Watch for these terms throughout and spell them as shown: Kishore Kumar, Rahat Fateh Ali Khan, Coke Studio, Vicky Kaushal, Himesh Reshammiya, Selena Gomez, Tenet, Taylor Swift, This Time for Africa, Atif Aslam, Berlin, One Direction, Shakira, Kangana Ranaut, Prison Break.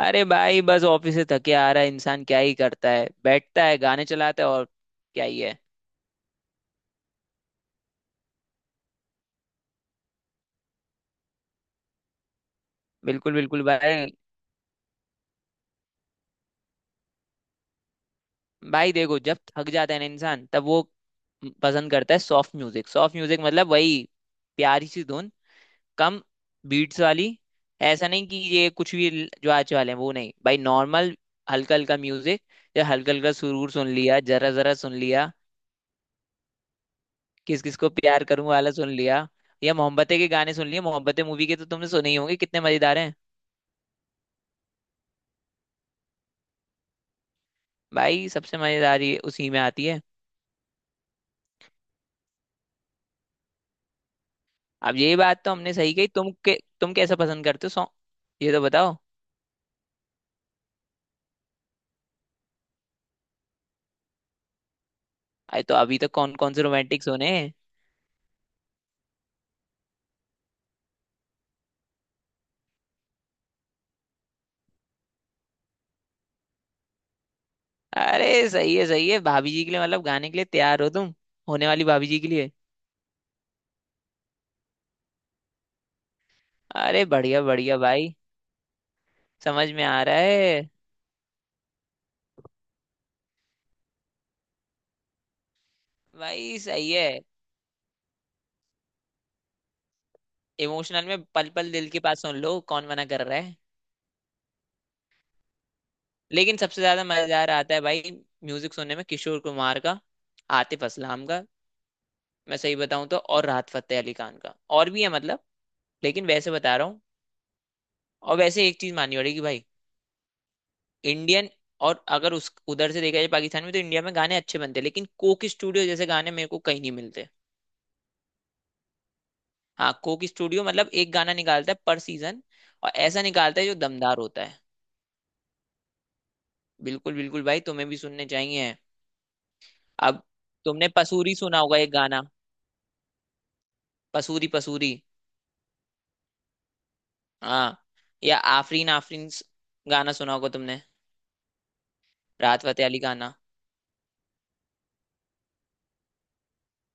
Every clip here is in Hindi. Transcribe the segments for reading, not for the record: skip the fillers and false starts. अरे भाई, बस ऑफिस से थके आ रहा है इंसान, क्या ही करता है, बैठता है, गाने चलाता है और क्या ही है। बिल्कुल बिल्कुल भाई। भाई देखो, जब थक जाता है ना इंसान, तब वो पसंद करता है सॉफ्ट म्यूजिक। सॉफ्ट म्यूजिक मतलब वही प्यारी सी धुन, कम बीट्स वाली। ऐसा नहीं कि ये कुछ भी जो आज वाले हैं वो नहीं, भाई नॉर्मल हल्का हल्का म्यूजिक। जब हल्का हल्का सुरूर सुन लिया, जरा जरा सुन लिया, किस किस को प्यार करूं वाला सुन लिया, या मोहब्बतें के गाने सुन लिए। मोहब्बतें मूवी के तो तुमने सुने ही होंगे, कितने मजेदार हैं। भाई सबसे मजेदारी उसी में आती है। अब ये बात तो हमने सही कही तुम के। तुम कैसा पसंद करते हो सॉन्ग, ये तो बताओ। अरे तो अभी तक कौन कौन से रोमांटिक सोने हैं। अरे सही है सही है, भाभी जी के लिए मतलब गाने के लिए तैयार हो तुम, होने वाली भाभी जी के लिए। अरे बढ़िया बढ़िया भाई, समझ में आ रहा है। भाई सही है। इमोशनल में पल पल दिल के पास सुन लो, कौन मना कर रहा है। लेकिन सबसे ज्यादा मजेदार आता है भाई, म्यूजिक सुनने में, किशोर कुमार का, आतिफ असलाम का, मैं सही बताऊं तो, और राहत फतेह अली खान का। और भी है मतलब, लेकिन वैसे बता रहा हूँ। और वैसे एक चीज माननी पड़ेगी भाई, इंडियन, और अगर उस उधर से देखा जाए पाकिस्तान में, तो इंडिया में गाने अच्छे बनते हैं, लेकिन कोक स्टूडियो जैसे गाने मेरे को कहीं नहीं मिलते। हाँ, कोक स्टूडियो मतलब एक गाना निकालता है पर सीजन, और ऐसा निकालता है जो दमदार होता है। बिल्कुल बिल्कुल भाई, तुम्हें भी सुनने चाहिए। अब तुमने पसूरी सुना होगा, एक गाना, पसूरी पसूरी। हाँ। या आफरीन आफरीन गाना सुना होगा तुमने, राहत फतेह अली गाना।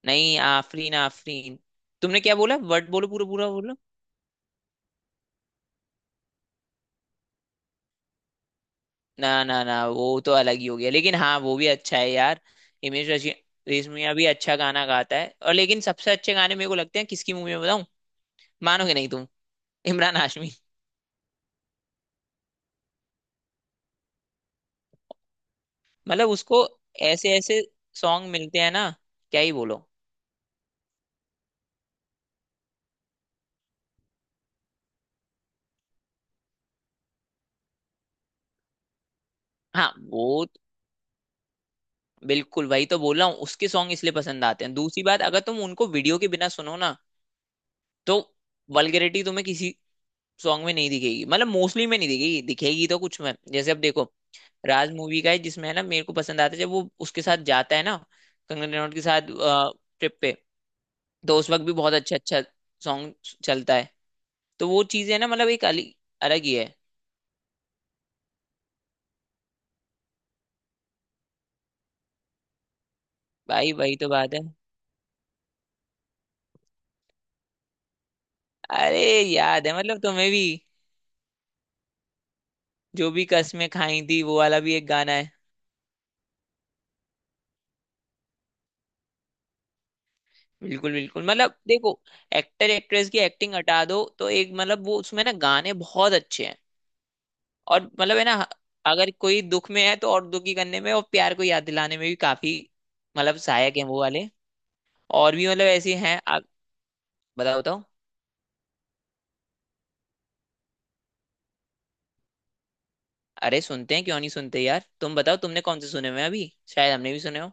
नहीं, आफरीन आफरीन। तुमने क्या बोला वर्ड, बोलो पूरा पूरा बोलो। ना ना ना, वो तो अलग ही हो गया, लेकिन हाँ वो भी अच्छा है यार। हिमेश रेशमिया, रेशमिया भी अच्छा गाना गाता है और, लेकिन सबसे अच्छे गाने मेरे को लगते हैं किसकी मूवी में बताऊं, मानोगे नहीं तुम, इमरान हाशमी। मतलब उसको ऐसे ऐसे सॉन्ग मिलते हैं ना, क्या ही बोलो। हाँ वो, बिल्कुल वही तो बोल रहा हूँ, उसके सॉन्ग इसलिए पसंद आते हैं। दूसरी बात, अगर तुम उनको वीडियो के बिना सुनो ना, तो वल्गैरिटी तुम्हें किसी सॉन्ग में नहीं दिखेगी, मतलब मोस्टली में नहीं दिखेगी। दिखेगी तो कुछ में, जैसे अब देखो, राज मूवी का है जिसमें, है ना, मेरे को पसंद आता है जब वो उसके साथ जाता है ना, कंगना रनौत के साथ ट्रिप पे। तो उस वक्त भी बहुत अच्छा अच्छा सॉन्ग चलता है। तो वो चीजें ना, मतलब एक अलग, अलग ही है। भाई वही तो बात है। अरे याद है मतलब तुम्हें भी, जो भी कस्में खाई थी वो वाला भी एक गाना है। बिल्कुल बिल्कुल, मतलब देखो, एक्टर एक्ट्रेस की एक्टिंग हटा दो, तो एक मतलब वो उसमें ना गाने बहुत अच्छे हैं। और मतलब है ना, अगर कोई दुख में है तो और दुखी करने में, और प्यार को याद दिलाने में भी काफी मतलब सहायक है वो वाले। और भी मतलब ऐसे हैं आप, बताओ बताओ। अरे सुनते हैं, क्यों नहीं सुनते यार, तुम बताओ तुमने कौन से सुने हुए हैं अभी, शायद हमने भी सुने हो।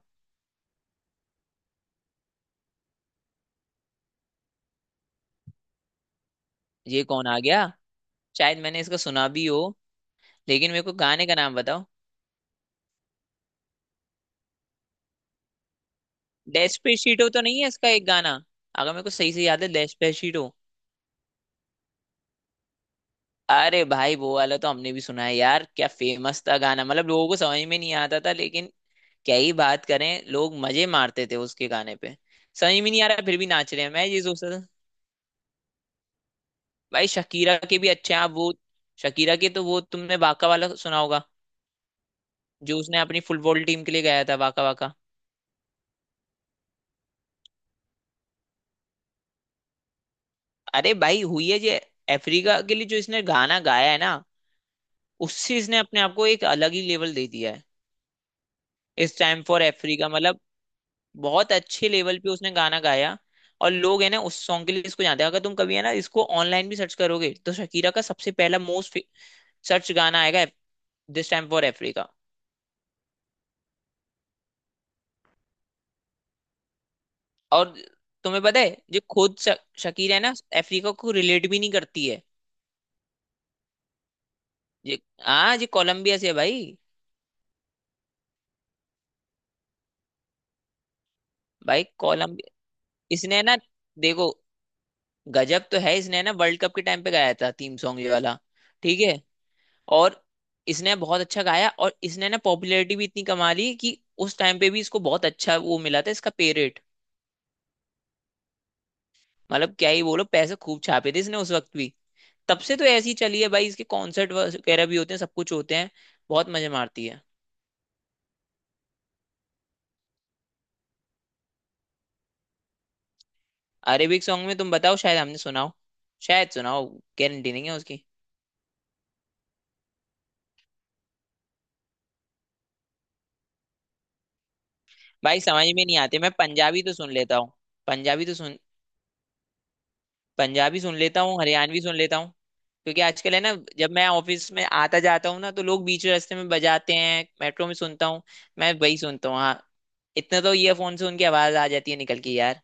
ये कौन आ गया, शायद मैंने इसका सुना भी हो, लेकिन मेरे को गाने का नाम बताओ। डेस्पेशीटो तो नहीं है इसका एक गाना, अगर मेरे को सही से याद है, डेस्पेशीटो। अरे भाई, वो वाला तो हमने भी सुना है यार, क्या फेमस था गाना, मतलब लोगों को समझ में नहीं आता था लेकिन, क्या ही बात करें, लोग मजे मारते थे उसके गाने पे, समझ में नहीं आ रहा फिर भी नाच रहे हैं, मैं ये सोचता था। भाई शकीरा के भी अच्छे हैं आप वो, शकीरा के तो वो तुमने वाका वाला सुना होगा, जो उसने अपनी फुटबॉल टीम के लिए गाया था, वाका वाका। अरे भाई हुई है जे, अफ्रीका के लिए जो इसने गाना गाया है ना, उससे इसने अपने आप को एक अलग ही लेवल दे दिया है। इस टाइम फॉर अफ्रीका मतलब बहुत अच्छे लेवल पे उसने गाना गाया। और लोग है ना उस सॉन्ग के लिए इसको जानते हैं, अगर तुम कभी है ना इसको ऑनलाइन भी सर्च करोगे, तो शकीरा का सबसे पहला मोस्ट सर्च गाना आएगा, दिस टाइम फॉर अफ्रीका। और तुम्हें पता है, जो खुद शकीर है ना, अफ्रीका को रिलेट भी नहीं करती है ये। हाँ, ये कोलंबिया से है भाई, भाई कोलंबिया। इसने है ना, देखो, गजब तो है। इसने है ना वर्ल्ड कप के टाइम पे गाया था थीम सॉन्ग ये वाला, ठीक है, और इसने बहुत अच्छा गाया, और इसने ना पॉपुलैरिटी भी इतनी कमा ली कि उस टाइम पे भी इसको बहुत अच्छा वो मिला था इसका पे रेट। मतलब क्या ही बोलो, पैसे खूब छापे थे इसने उस वक्त भी। तब से तो ऐसी चली है भाई, इसके कॉन्सर्ट वगैरह भी होते हैं, सब कुछ होते हैं, बहुत मजे मारती है। अरेबिक सॉन्ग में तुम बताओ, शायद हमने सुना हो, शायद सुना हो, गारंटी नहीं है उसकी। भाई समझ में नहीं आते, मैं पंजाबी तो सुन लेता हूँ, पंजाबी तो सुन, पंजाबी सुन लेता हूँ, हरियाणवी सुन लेता हूँ, क्योंकि आजकल है ना, जब मैं ऑफिस में आता जाता हूँ ना, तो लोग बीच रास्ते में बजाते हैं, मेट्रो में सुनता हूँ, मैं वही सुनता हूँ। हाँ, इतने तो ईयरफोन से उनकी आवाज आ जाती है निकल के यार।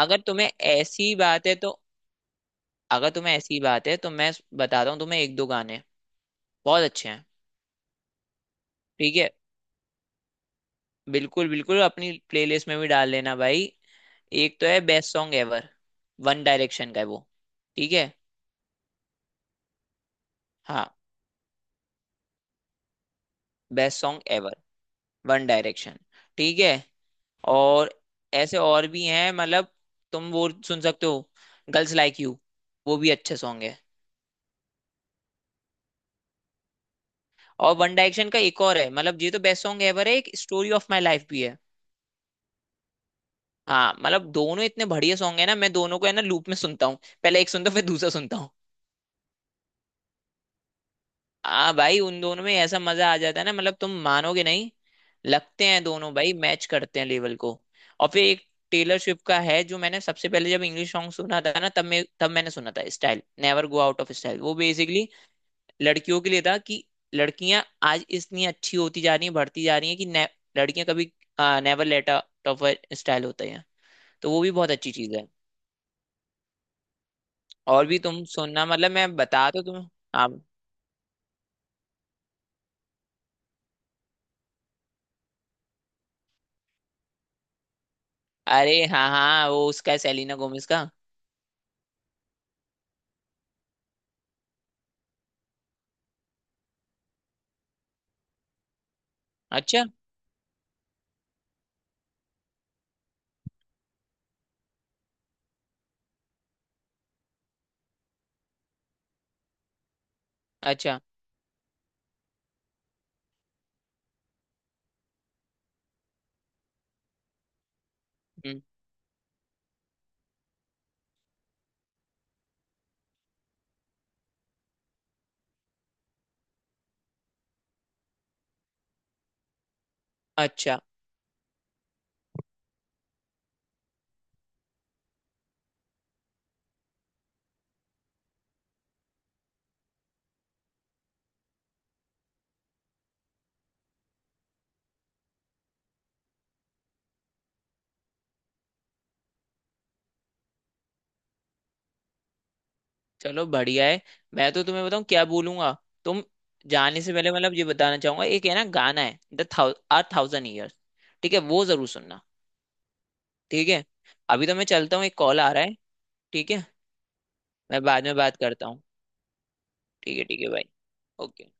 अगर तुम्हें ऐसी बात है तो, अगर तुम्हें ऐसी बात है तो मैं बताता हूँ तुम्हें, एक दो गाने बहुत अच्छे हैं। ठीक है, बिल्कुल बिल्कुल, अपनी प्लेलिस्ट में भी डाल लेना भाई। एक तो है best song ever, One Direction का है वो, ठीक है। हाँ, best song ever, One Direction, ठीक है। और ऐसे और भी हैं मतलब, तुम वो सुन सकते हो, गर्ल्स लाइक यू, वो भी अच्छा सॉन्ग है। और वन डायरेक्शन का एक और है मतलब, ये तो बेस्ट सॉन्ग एवर है, एक स्टोरी ऑफ माई लाइफ भी है। हाँ, मतलब दोनों इतने बढ़िया सॉन्ग है ना, मैं दोनों को है ना लूप में सुनता हूँ, पहले एक सुनता हूँ फिर दूसरा सुनता हूँ। आ भाई, उन दोनों में ऐसा मजा आ जाता है ना, मतलब तुम मानोगे नहीं। लगते हैं दोनों भाई, मैच करते हैं लेवल को। और फिर एक टेलर स्विफ्ट का है, जो मैंने सबसे पहले जब इंग्लिश सॉन्ग सुना था ना, तब मैंने सुना था, style, never go out of style. वो बेसिकली लड़कियों के लिए था कि लड़कियां आज इतनी अच्छी होती जा रही हैं, बढ़ती जा रही हैं, लड़कियां कभी never let out of style होता है। तो वो भी बहुत अच्छी चीज है। और भी तुम सुनना, मतलब मैं बता तो तुम्हें। हाँ। अरे हाँ हाँ, वो उसका है, सेलिना गोमेज का। अच्छा। अच्छा। हम्म। अच्छा। चलो, बढ़िया है। मैं तो तुम्हें बताऊँ क्या बोलूंगा तुम जाने से पहले, मतलब ये बताना चाहूंगा, एक है ना गाना, है द थाउजेंड ईयर्स, ठीक है, वो जरूर सुनना। ठीक है, अभी तो मैं चलता हूँ, एक कॉल आ रहा है। ठीक है, मैं बाद में बात करता हूँ। ठीक है भाई, ओके।